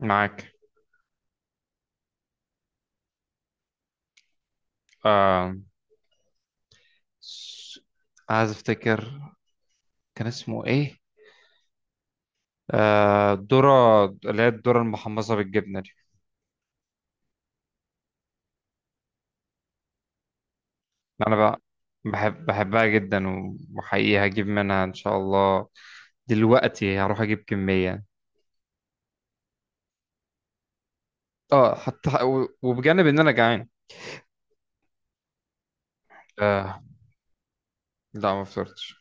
معاك. آه... س- عايز افتكر كان اسمه ايه. الذرة اللي هي الذرة المحمصة بالجبنة دي. انا بقى بحبها جدا، وحقيقي هجيب منها ان شاء الله. دلوقتي هروح اجيب كمية. اه، حتى وبجانب ان انا جعان. آه... لا، ما فطرتش.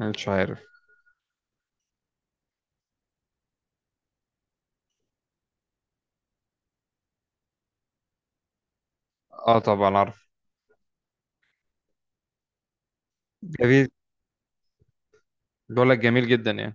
مش عارف. اه طبعا عارف. جميل. بقول لك جميل جدا يعني.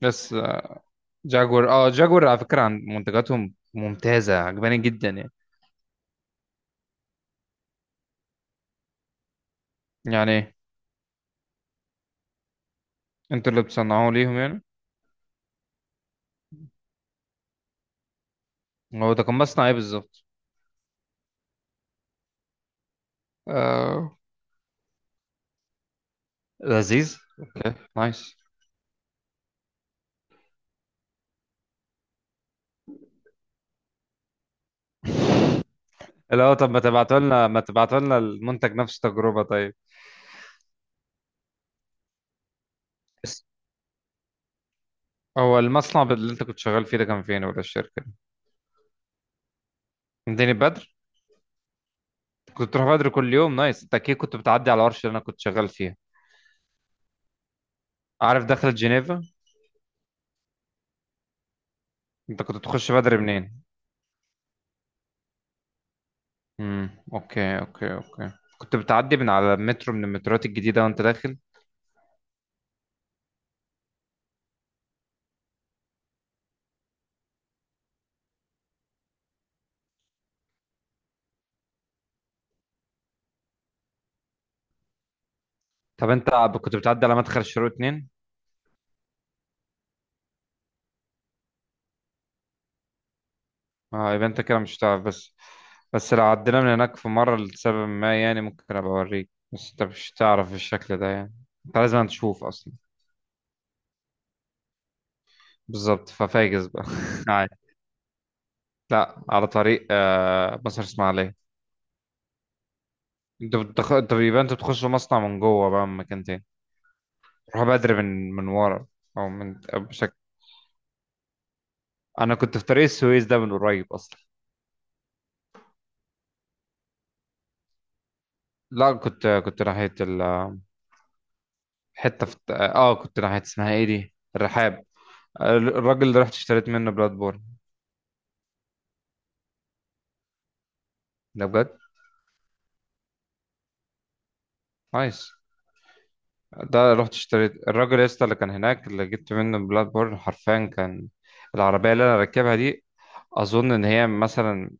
بس، جاكور. اه، جاكور على فكرة، عن منتجاتهم ممتازة عجباني جدا يعني. يعني انتوا اللي بتصنعوه ليهم يعني؟ هو ده كان مصنع ايه بالظبط؟ آه، لذيذ. نايس. اللي هو طب ما تبعتوا لنا المنتج نفس التجربة طيب. بس هو المصنع اللي انت كنت شغال فيه ده كان فين ولا الشركة دي؟ مدينة بدر. كنت بتروح بدر كل يوم. نايس. انت اكيد كنت بتعدي على الورشة اللي انا كنت شغال فيها. عارف دخلة جنيفا؟ انت كنت تخش بدر منين؟ اوكي، اوكي، اوكي. كنت بتعدي من على مترو، من المتروات الجديدة وانت داخل؟ طب انت كنت بتعدي على مدخل شروق اتنين؟ اه، يبقى انت كده مش هتعرف بس. بس لو عدينا من هناك في مرة لسبب ما يعني ممكن ابقى اوريك، بس انت مش هتعرف بالشكل ده يعني. انت لازم تشوف اصلا. بالظبط، ففاجز بقى عادي. لا، على طريق مصر اسماعيليه. انت يبقى انت بتخش مصنع من جوه بقى من مكان تاني. تروح بدري من ورا. او من بشكل. انا كنت في طريق السويس ده من قريب اصلا. لا، كنت ناحية حتة في، كنت ناحية اسمها ايه دي، الرحاب. آه، الراجل اللي رحت اشتريت منه بلاد بورن. ده بجد. نايس. ده رحت اشتريت الراجل يا اسطى اللي كان هناك، اللي جبت منه بلاد بورن، حرفيا كان. العربية اللي انا راكبها دي اظن ان هي مثلا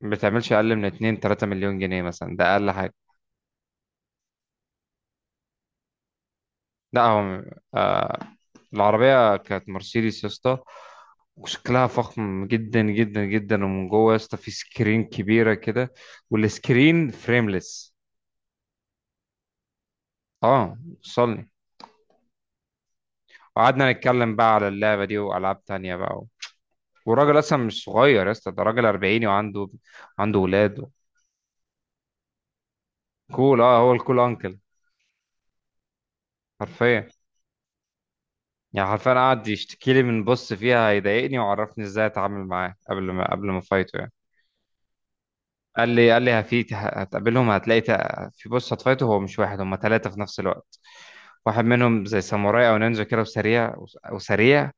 ما بتعملش اقل من 2 3 مليون جنيه مثلا، ده اقل حاجة. لا هو، آه، العربية كانت مرسيدس يا اسطى. وشكلها فخم جدا جدا جدا، ومن جوه يا اسطى في سكرين كبيرة كده. والسكرين فريمليس. اه، وصلني. وقعدنا نتكلم بقى على اللعبة دي وألعاب تانية بقى. والراجل اصلا مش صغير يا اسطى، ده راجل 40 وعنده، عنده ولاد. كول، اه هو الكول انكل. حرفيا. يعني حرفيا قعد يشتكي لي من بص فيها هيضايقني، وعرفني ازاي اتعامل معاه قبل ما فايته يعني. قال لي هفي هتقابلهم هتلاقي في بص هتفايته، هو مش واحد، هم ثلاثة في نفس الوقت. واحد منهم زي ساموراي او نينجا كده، وسريع. وسريع.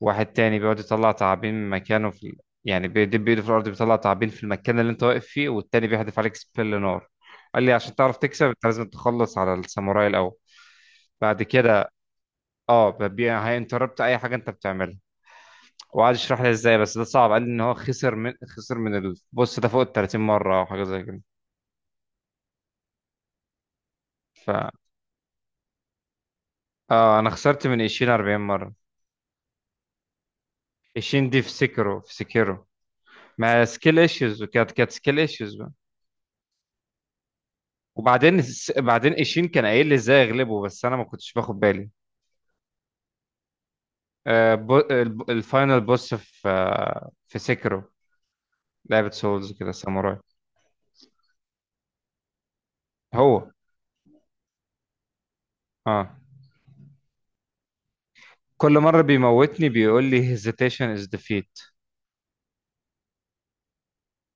واحد تاني بيقعد يطلع تعابين من مكانه، في، يعني بيدب ايده في الارض بيطلع تعابين في المكان اللي انت واقف فيه. والتاني بيحدف عليك سبيل نار. قال لي عشان تعرف تكسب انت لازم تخلص على الساموراي الاول. بعد كده، اه ببيع هينتربت اي حاجه انت بتعملها. وقعد يشرح لي ازاي، بس ده صعب. قال لي ان هو خسر من البوس ده فوق ال 30 مره او حاجه زي كده. ف، اه انا خسرت من ايشين 40 مره. ايشين دي في سكرو، في سكيرو. ما سكيل ايشوز، وكانت سكيل ايشوز. وبعدين بعدين ايشين كان قايل لي ازاي اغلبه، بس انا ما كنتش باخد بالي. آه، الفاينل بوس في، آه، في سيكرو. لعبة سولز كده، ساموراي. هو اه. كل مرة بيموتني بيقول لي hesitation is defeat.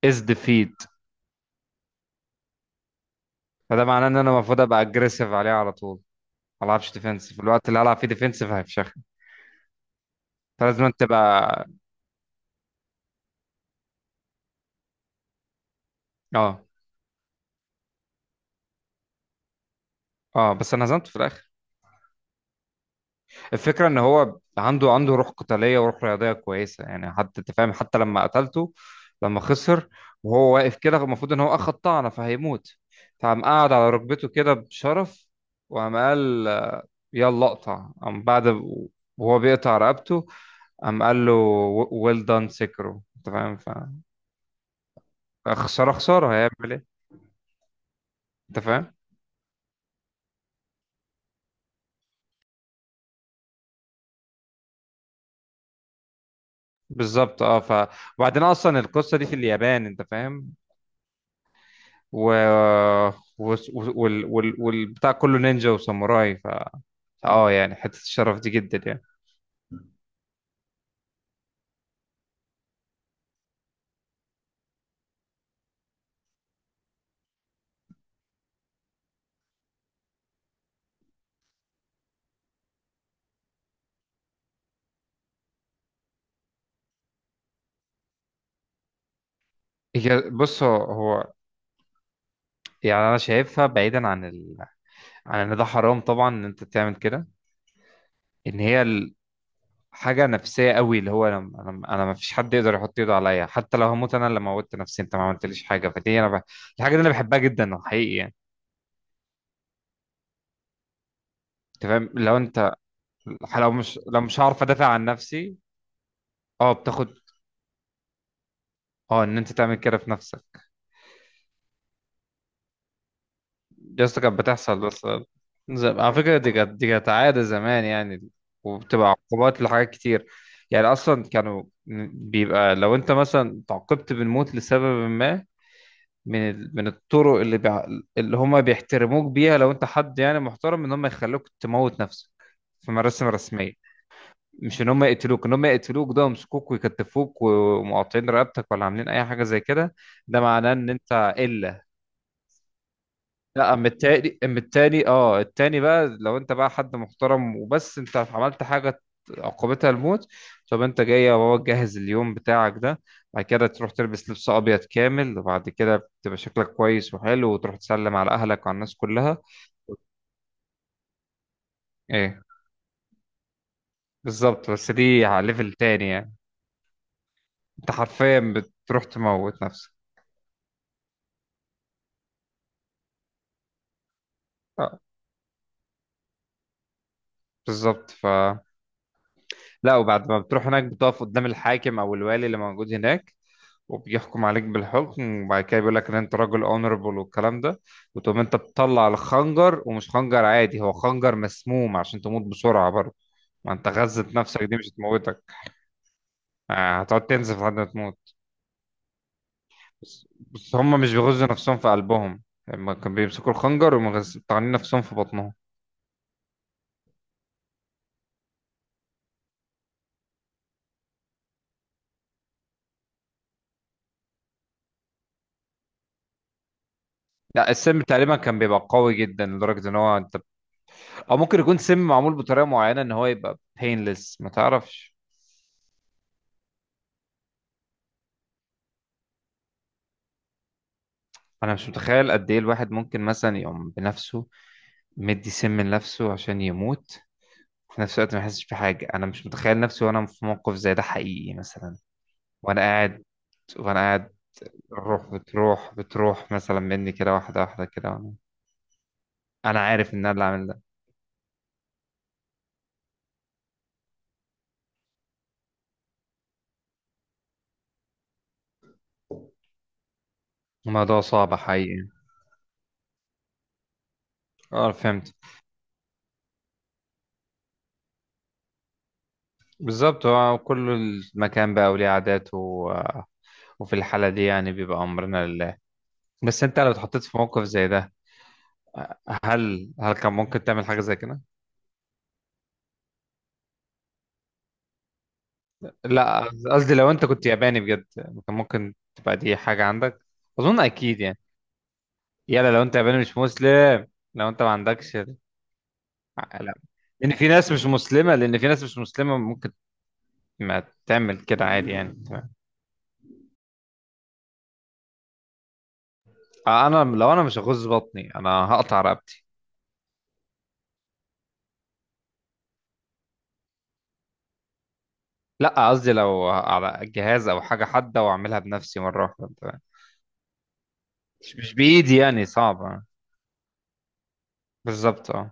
is defeat. فده معناه ان انا المفروض ابقى aggressive عليه على طول. ما العبش ديفensive، الوقت اللي هلعب فيه ديفensive هيفشخني. فلازم تبقى. اه. اه بس انا هزمته في الاخر. الفكرة ان هو عنده روح قتالية وروح رياضية كويسة يعني. حتى انت فاهم، حتى لما قتلته، لما خسر، وهو واقف كده المفروض ان هو اخد طعنة فهيموت، فقام قاعد على ركبته كده بشرف. وقام قال يلا اقطع. قام بعد، وهو بيقطع رقبته، قام قال له ويل دان سكرو. انت فاهم فخسارة، خسارة هيعمل ايه. انت فاهم. بالظبط. اه، ف، وبعدين اصلا القصة دي في اليابان انت فاهم. و، والبتاع كله نينجا وساموراي. ف، اه يعني حتة الشرف دي جدا يعني. هي بص، هو يعني انا شايفها بعيدا عن عن ان ده حرام طبعا ان انت تعمل كده. ان هي حاجة نفسية قوي، اللي هو أنا ما فيش حد يقدر يحط ايده عليا، حتى لو هموت انا اللي موتت نفسي، انت ما عملتليش حاجة. فدي انا الحاجة دي انا بحبها جدا حقيقي يعني. انت فاهم لو انت، لو مش، لو مش هعرف ادافع عن نفسي. اه بتاخد. اه، ان انت تعمل كده في نفسك. يا اسطى كانت بتحصل بس. على فكرة دي كانت، دي كانت عادة زمان يعني. وبتبقى عقوبات لحاجات كتير. يعني أصلا كانوا بيبقى، لو أنت مثلا تعاقبت بالموت لسبب ما من من الطرق اللي اللي هما بيحترموك بيها، لو أنت حد يعني محترم، إن هما يخلوك تموت نفسك في مراسم رسمية. مش إن هما يقتلوك. إن هما يقتلوك ده يمسكوك ويكتفوك ومقاطعين رقبتك ولا عاملين أي حاجة زي كده، ده معناه إن أنت إلا. لا، اما التاني، اما التاني بقى، لو انت بقى حد محترم وبس انت عملت حاجة عقوبتها الموت، طب انت جاي يا بابا تجهز اليوم بتاعك ده، بعد كده تروح تلبس لبس ابيض كامل، وبعد كده تبقى شكلك كويس وحلو، وتروح تسلم على اهلك وعلى الناس كلها. ايه بالظبط، بس دي على ليفل تاني يعني. انت حرفيا بتروح تموت نفسك. اه بالظبط. ف، لا وبعد ما بتروح هناك، بتقف قدام الحاكم او الوالي اللي موجود هناك، وبيحكم عليك بالحكم. وبعد كده بيقول لك ان انت راجل اونربل والكلام ده، وتقوم انت بتطلع الخنجر. ومش خنجر عادي، هو خنجر مسموم عشان تموت بسرعة برضه. ما انت غزت نفسك دي مش هتموتك. آه، هتقعد تنزف لحد ما تموت. بس هم مش بيغزوا نفسهم في قلبهم، هم كانوا بيمسكوا الخنجر ومطعنين نفسهم في بطنهم. لا، السم تقريبا كان بيبقى قوي جدا لدرجة ان هو انت، او ممكن يكون سم معمول بطريقة معينة ان هو يبقى painless، ما تعرفش. انا مش متخيل قد ايه الواحد ممكن مثلا يقوم بنفسه، مدي سم لنفسه عشان يموت في نفس الوقت ما يحسش بحاجة. أنا مش متخيل نفسي وأنا في موقف زي ده حقيقي مثلا، وأنا قاعد وأنا قاعد، الروح بتروح مثلا مني كده واحدة واحدة كده، وأنا عارف إن أنا اللي عامل ده. الموضوع صعب حقيقي. أه فهمت. بالظبط، هو كل المكان بقى وليه عاداته وفي الحالة دي يعني بيبقى أمرنا لله. بس أنت لو اتحطيت في موقف زي ده، هل كان ممكن تعمل حاجة زي كده؟ لا قصدي، لو انت كنت ياباني بجد كان ممكن تبقى دي حاجة عندك. اظن اكيد يعني. يلا، لو انت ياباني مش مسلم، لو انت ما عندكش لا، لان في ناس مش مسلمة، ممكن ما تعمل كده عادي يعني، تمام. آه، انا لو انا مش هغز بطني، انا هقطع رقبتي. لا قصدي لو على جهاز او حاجة حادة واعملها بنفسي مرة واحدة، تمام. مش، مش بايدي يعني صعبة. بالظبط، اه.